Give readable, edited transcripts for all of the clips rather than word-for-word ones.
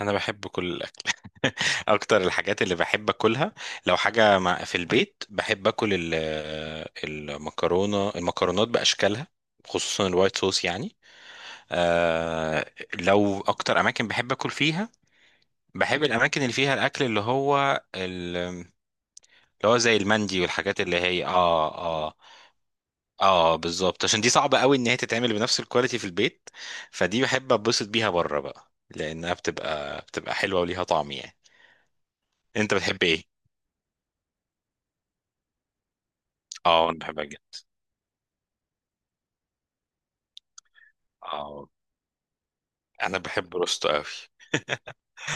انا بحب كل الاكل. اكتر الحاجات اللي بحب اكلها، لو حاجه مع في البيت، بحب اكل المكرونه، المكرونات باشكالها، خصوصا الوايت صوص يعني. آه. لو اكتر اماكن بحب اكل فيها، بحب الاماكن اللي فيها الاكل اللي هو اللي هو زي المندي والحاجات اللي هي اه. اه، اه بالظبط، عشان دي صعبه قوي ان هي تتعمل بنفس الكواليتي في البيت، فدي بحب اتبسط بيها بره بقى، لانها بتبقى حلوه وليها طعم يعني. انت بتحب ايه؟ اه انا بحبها جدا. اه انا بحب روستو قوي.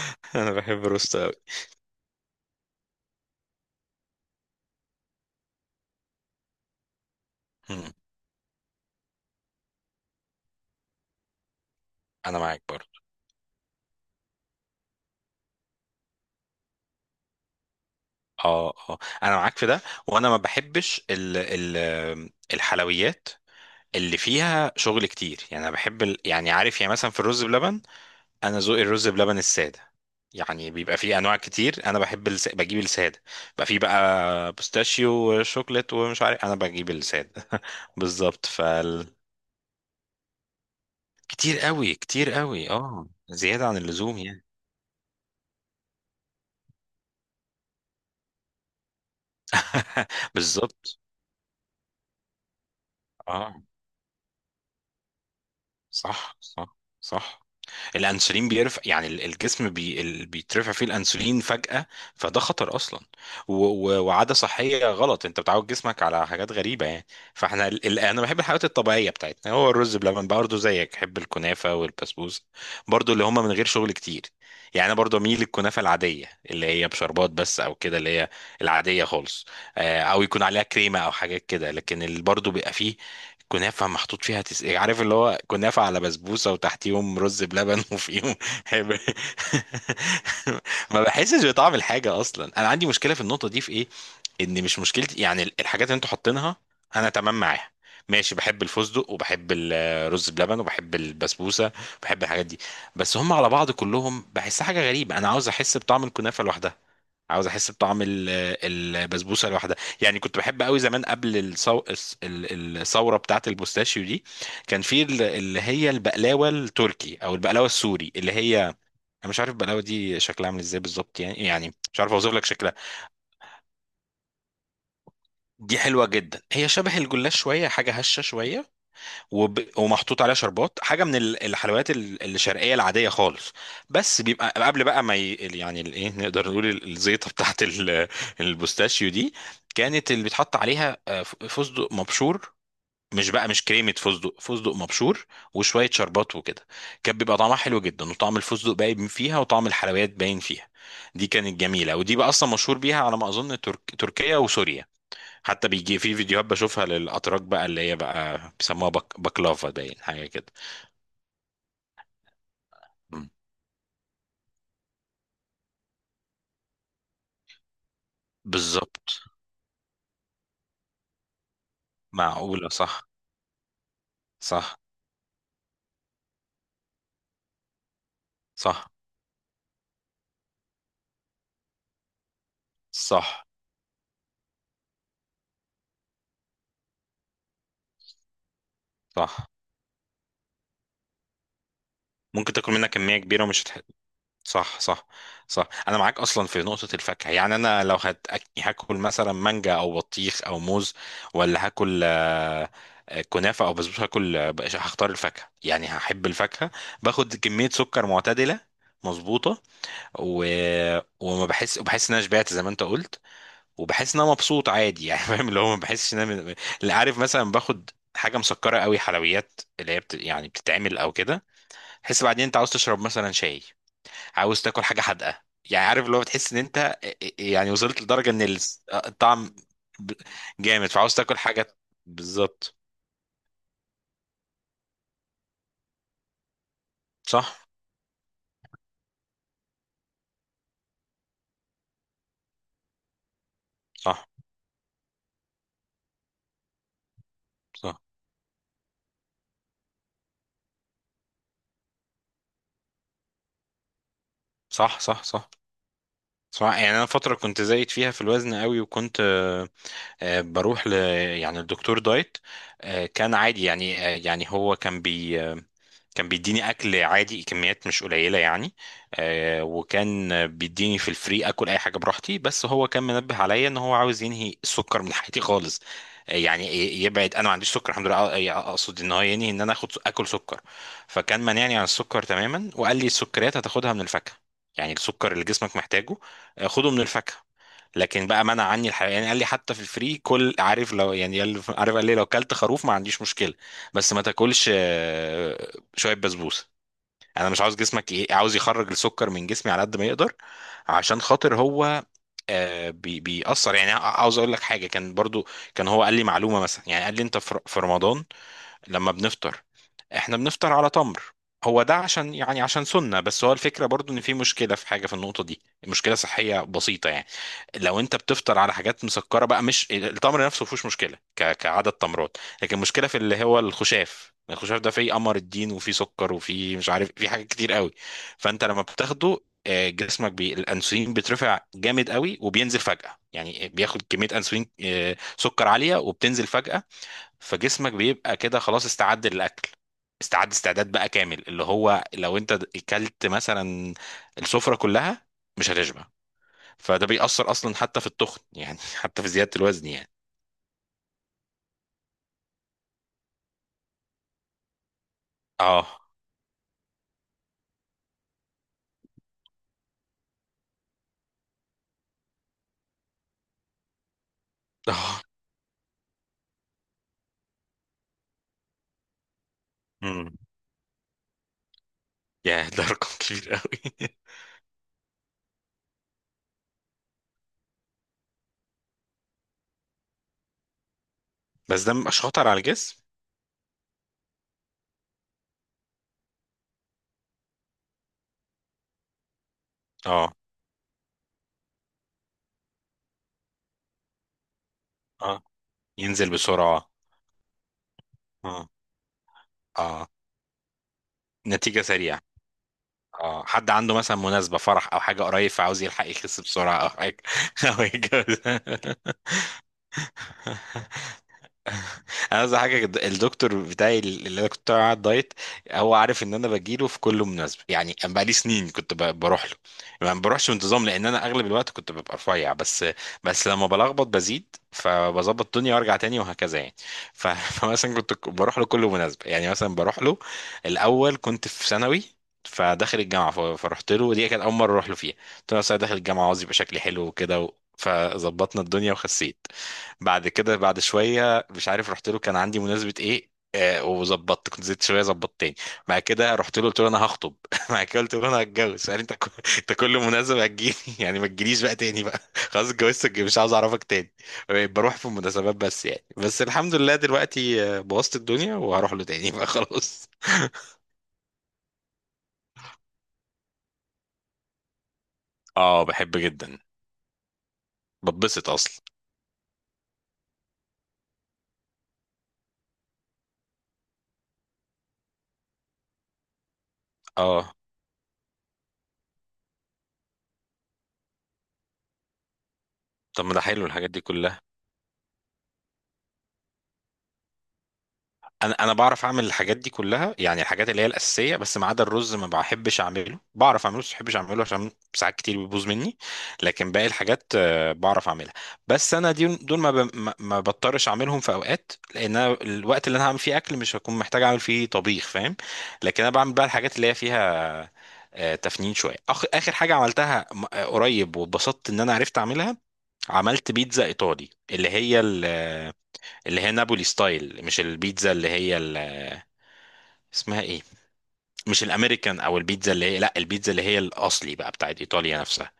انا بحب روستو قوي. مم. انا معاك برضه. اه، اه انا معاك في ده. وانا ما بحبش ال الحلويات اللي فيها شغل كتير يعني. انا بحب ال... يعني عارف، يعني مثلا في الرز بلبن، انا ذوقي الرز بلبن الساده. يعني بيبقى فيه انواع كتير، انا بحب بجيب الساده. بيبقى فيه بقى بوستاشيو وشوكليت ومش عارف، انا بجيب الساده بالظبط فال. كتير قوي، كتير قوي، اه زياده عن اللزوم يعني. بالظبط. اه. صح. الانسولين بيرفع يعني الجسم بيترفع فيه الانسولين فجأة، فده خطر اصلا. و- وعادة صحية غلط، انت بتعود جسمك على حاجات غريبة يعني. فاحنا انا بحب الحاجات الطبيعية بتاعتنا، هو الرز بلبن برضه زيك، بحب الكنافة والبسبوسة برضه، اللي هما من غير شغل كتير. يعني انا برضه اميل للكنافة العادية اللي هي بشربات بس او كده، اللي هي العادية خالص. آه، او يكون عليها كريمة او حاجات كده، لكن اللي برضه بيبقى فيه كنافة محطوط فيها عارف اللي هو كنافة على بسبوسة وتحتيهم رز بلبن وفيهم حب- ما بحسش بطعم الحاجة أصلا. أنا عندي مشكلة في النقطة دي في إيه؟ إن مش مشكلتي يعني، الحاجات اللي أنتوا حاطينها أنا تمام معاها. ماشي، بحب الفستق وبحب الرز بلبن وبحب البسبوسة، بحب الحاجات دي، بس هم على بعض كلهم بحسها حاجة غريبة. أنا عاوز أحس بطعم الكنافة لوحدها، عاوز احس بطعم البسبوسه لوحدها. يعني كنت بحب قوي زمان قبل الثوره بتاعه البوستاشيو دي. كان في اللي هي البقلاوه التركي او البقلاوه السوري، اللي هي انا مش عارف البقلاوه دي شكلها عامل ازاي بالظبط يعني، يعني مش عارف اوصف لك شكلها. دي حلوه جدا، هي شبه الجلاش شويه، حاجه هشه شويه، ومحطوط عليها شربات، حاجه من الحلويات الشرقيه العاديه خالص. بس بيبقى قبل بقى ما يعني ايه نقدر نقول الزيطه بتاعت ال... البوستاشيو دي. كانت اللي بيتحط عليها فستق مبشور، مش بقى مش كريمه فستق مبشور وشويه شربات وكده. كان بيبقى طعمها حلو جدا، وطعم الفستق باين فيها، وطعم الحلويات باين فيها. دي كانت جميله، ودي بقى اصلا مشهور بيها على ما اظن تركيا وسوريا. حتى بيجي في فيديوهات بشوفها للأتراك بقى، اللي هي بقى بيسموها بكلافا، باين حاجة كده. مم. بالظبط. معقولة، صح. صح صح صح صح. ممكن تاكل منها كمية كبيرة ومش هتح... صح. صح، أنا معاك أصلا في نقطة الفاكهة. يعني أنا لو هت... هاكل مثلا مانجا أو بطيخ أو موز، ولا هاكل كنافة أو بسبوسة، هاكل هختار الفاكهة، يعني هحب الفاكهة، باخد كمية سكر معتدلة، مظبوطة. و... وما بحس وبحس ان انا شبعت زي ما انت قلت، وبحس ان انا مبسوط عادي يعني. فاهم اللي هو ما بحسش ان انا اللي عارف مثلا، باخد حاجه مسكره قوي، حلويات اللي هي يعني بتتعمل او كده، تحس بعدين انت عاوز تشرب مثلا شاي، عاوز تاكل حاجه حادقه. يعني عارف اللي هو بتحس ان انت يعني وصلت لدرجه ان الطعم ب- جامد، فعاوز تاكل حاجه. بالظبط. صح صح صح صح صح صح صح. يعني انا فتره كنت زايد فيها في الوزن قوي، وكنت بروح ل يعني الدكتور دايت. كان عادي يعني، يعني هو كان بي آه، كان بيديني اكل عادي، كميات مش قليله يعني. وكان بيديني في الفري اكل اي حاجه براحتي، بس هو كان منبه عليا ان هو عاوز ينهي السكر من حياتي خالص. يعني يبعد، انا ما عنديش سكر الحمد لله، اقصد ان هو ينهي ان انا اخد اكل سكر. فكان مانعني عن السكر تماما، وقال لي السكريات هتاخدها من الفاكهه. يعني السكر اللي جسمك محتاجه خده من الفاكهه. لكن بقى منع عني الحيوان يعني. قال لي حتى في الفري، كل عارف لو، يعني عارف قال لي لو كلت خروف ما عنديش مشكله، بس ما تاكلش شويه بسبوسه. انا مش عاوز جسمك ايه، عاوز يخرج السكر من جسمي على قد ما يقدر، عشان خاطر هو بيأثر. يعني عاوز اقول لك حاجه، كان برضو كان هو قال لي معلومه مثلا، يعني قال لي انت في في رمضان لما بنفطر، احنا بنفطر على تمر، هو ده عشان يعني عشان سنة، بس هو الفكرة برضو ان في مشكلة في حاجة في النقطة دي، مشكلة صحية بسيطة يعني. لو انت بتفطر على حاجات مسكرة بقى، مش التمر نفسه مفيهوش مشكلة كعدد تمرات، لكن المشكلة في اللي هو الخشاف. الخشاف ده فيه قمر الدين وفيه سكر وفيه مش عارف، فيه حاجات كتير قوي. فانت لما بتاخده جسمك بي... الانسولين بيترفع جامد قوي وبينزل فجأة، يعني بياخد كمية انسولين سكر عالية وبتنزل فجأة. فجسمك بيبقى كده خلاص استعد للأكل، استعد استعداد بقى كامل، اللي هو لو انت اكلت مثلا السفرة كلها، مش هتشبع. فده بيأثر اصلا حتى في التخن يعني، حتى في زيادة الوزن يعني. اه. اه. امم. يا ده رقم كبير قوي. بس ده مش خطر على الجسم؟ اه. اه، ينزل بسرعة. اه. اه، نتيجة سريعة. اه، حد عنده مثلا مناسبة فرح او حاجة قريب، فعاوز يلحق يخس بسرعة او حاجة. او يتجوز. انا عايز حاجه كده، الدكتور بتاعي اللي انا كنت طالع على الدايت، هو عارف ان انا بجيله في كل مناسبه. يعني أنا بقالي سنين كنت بروح له، ما بروحش بانتظام لان انا اغلب الوقت كنت ببقى رفيع، بس بس لما بلخبط بزيد فبظبط الدنيا وارجع تاني وهكذا يعني. ف- فمثلا كنت بروح له كل مناسبه. يعني مثلا بروح له، الاول كنت في ثانوي فداخل الجامعه، فرحت له ودي كانت اول مره اروح له فيها. قلت له أصل أنا داخل الجامعه، عاوز يبقى شكلي حلو وكده و- فظبطنا الدنيا وخسيت. بعد كده بعد شويه مش عارف رحت له، كان عندي مناسبه ايه آه، وظبطت كنت زدت شويه، ظبطت تاني. بعد كده رحت له قلت له انا هخطب، بعد كده قلت له انا هتجوز، قال لي انت كل مناسبه هتجيلي. يعني ما تجيليش بقى تاني بقى، خلاص اتجوزتك مش عاوز اعرفك تاني. بقيت بروح في المناسبات بس يعني، بس الحمد لله دلوقتي بوظت الدنيا وهروح له تاني بقى خلاص. اه بحب جدا، ببسط اصلا. اه، طب ما ده حلو الحاجات دي كلها. انا انا بعرف اعمل الحاجات دي كلها، يعني الحاجات اللي هي الاساسيه، بس ما عدا الرز ما بحبش اعمله، بعرف اعمله بس ما بحبش اعمله عشان ساعات كتير بيبوظ مني. لكن باقي الحاجات بعرف اعملها. بس انا دي دول ما ب- ما ما بضطرش اعملهم في اوقات، لان أنا الوقت اللي انا هعمل فيه اكل مش هكون محتاج اعمل فيه طبيخ فاهم. لكن انا بعمل بقى الحاجات اللي هي فيها تفنين شويه. اخر حاجه عملتها قريب، واتبسطت ان انا عرفت اعملها، عملت بيتزا ايطالي اللي هي اللي هي نابولي ستايل، مش البيتزا اللي هي اسمها ايه، مش الامريكان او البيتزا اللي هي، لا، البيتزا اللي هي الاصلي بقى بتاعت ايطاليا نفسها.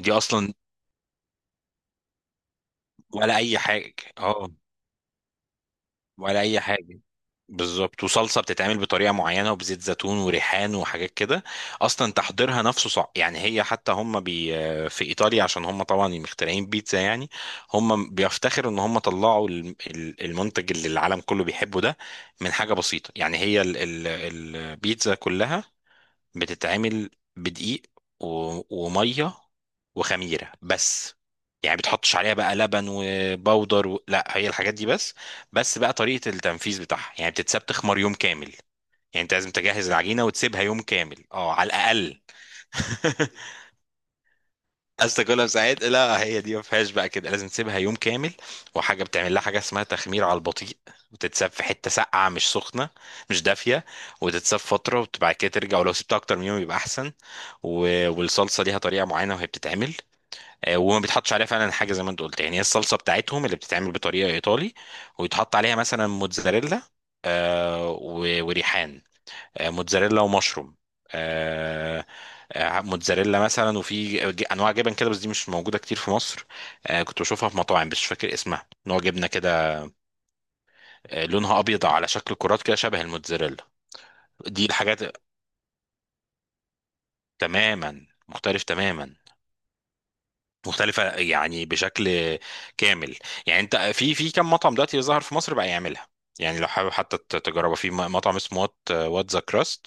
دي اصلا ولا اي حاجه، اه ولا اي حاجه، بالظبط. وصلصه بتتعمل بطريقه معينه وبزيت زيتون وريحان وحاجات كده. اصلا تحضيرها نفسه صعب يعني. هي حتى هم بي في ايطاليا، عشان هم طبعا مخترعين بيتزا يعني، هم بيفتخروا ان هم طلعوا المنتج اللي العالم كله بيحبه ده من حاجه بسيطه يعني. هي البيتزا كلها بتتعمل بدقيق و... وميه وخميره بس، يعني بتحطش عليها بقى لبن وبودر و... لا، هي الحاجات دي بس. بس بقى طريقه التنفيذ بتاعها، يعني بتتساب تخمر يوم كامل، يعني انت لازم تجهز العجينه وتسيبها يوم كامل اه على الاقل. قصدك كلها ساعات؟ لا، هي دي ما فيهاش بقى كده، لازم تسيبها يوم كامل، وحاجه بتعمل لها حاجه اسمها تخمير على البطيء، وتتساب في حته ساقعه مش سخنه، مش دافيه، وتتساب فتره وبعد كده ترجع، ولو سبتها اكتر من يوم يبقى احسن. و... والصلصه ليها طريقه معينه وهي بتتعمل. وما بيتحطش عليها فعلا حاجه زي ما انت قلت، يعني هي الصلصه بتاعتهم اللي بتتعمل بطريقه ايطالي، ويتحط عليها مثلا موتزاريلا، وريحان، موتزاريلا ومشروم، آه، موتزاريلا مثلا. وفي انواع جبن كده بس دي مش موجوده كتير في مصر، كنت بشوفها في مطاعم بس مش فاكر اسمها، نوع جبنه كده لونها ابيض على شكل كرات كده شبه الموتزاريلا. دي الحاجات. تماما، مختلف تماما، مختلفه يعني بشكل كامل. يعني انت في في كم مطعم دلوقتي ظهر في مصر بقى يعملها. يعني لو حابب حتى تجربها، في مطعم اسمه وات وات ذا كراست،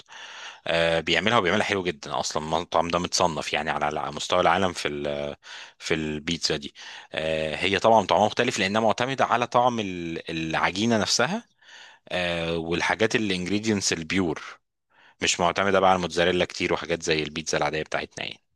بيعملها وبيعملها حلو جدا، اصلا المطعم ده متصنف يعني على على مستوى العالم في ال في البيتزا دي. هي طبعا طعمها مختلف لانها معتمده على طعم العجينه نفسها والحاجات الانجريدينتس البيور، مش معتمده بقى على الموتزاريلا كتير وحاجات زي البيتزا العاديه بتاعتنا يعني.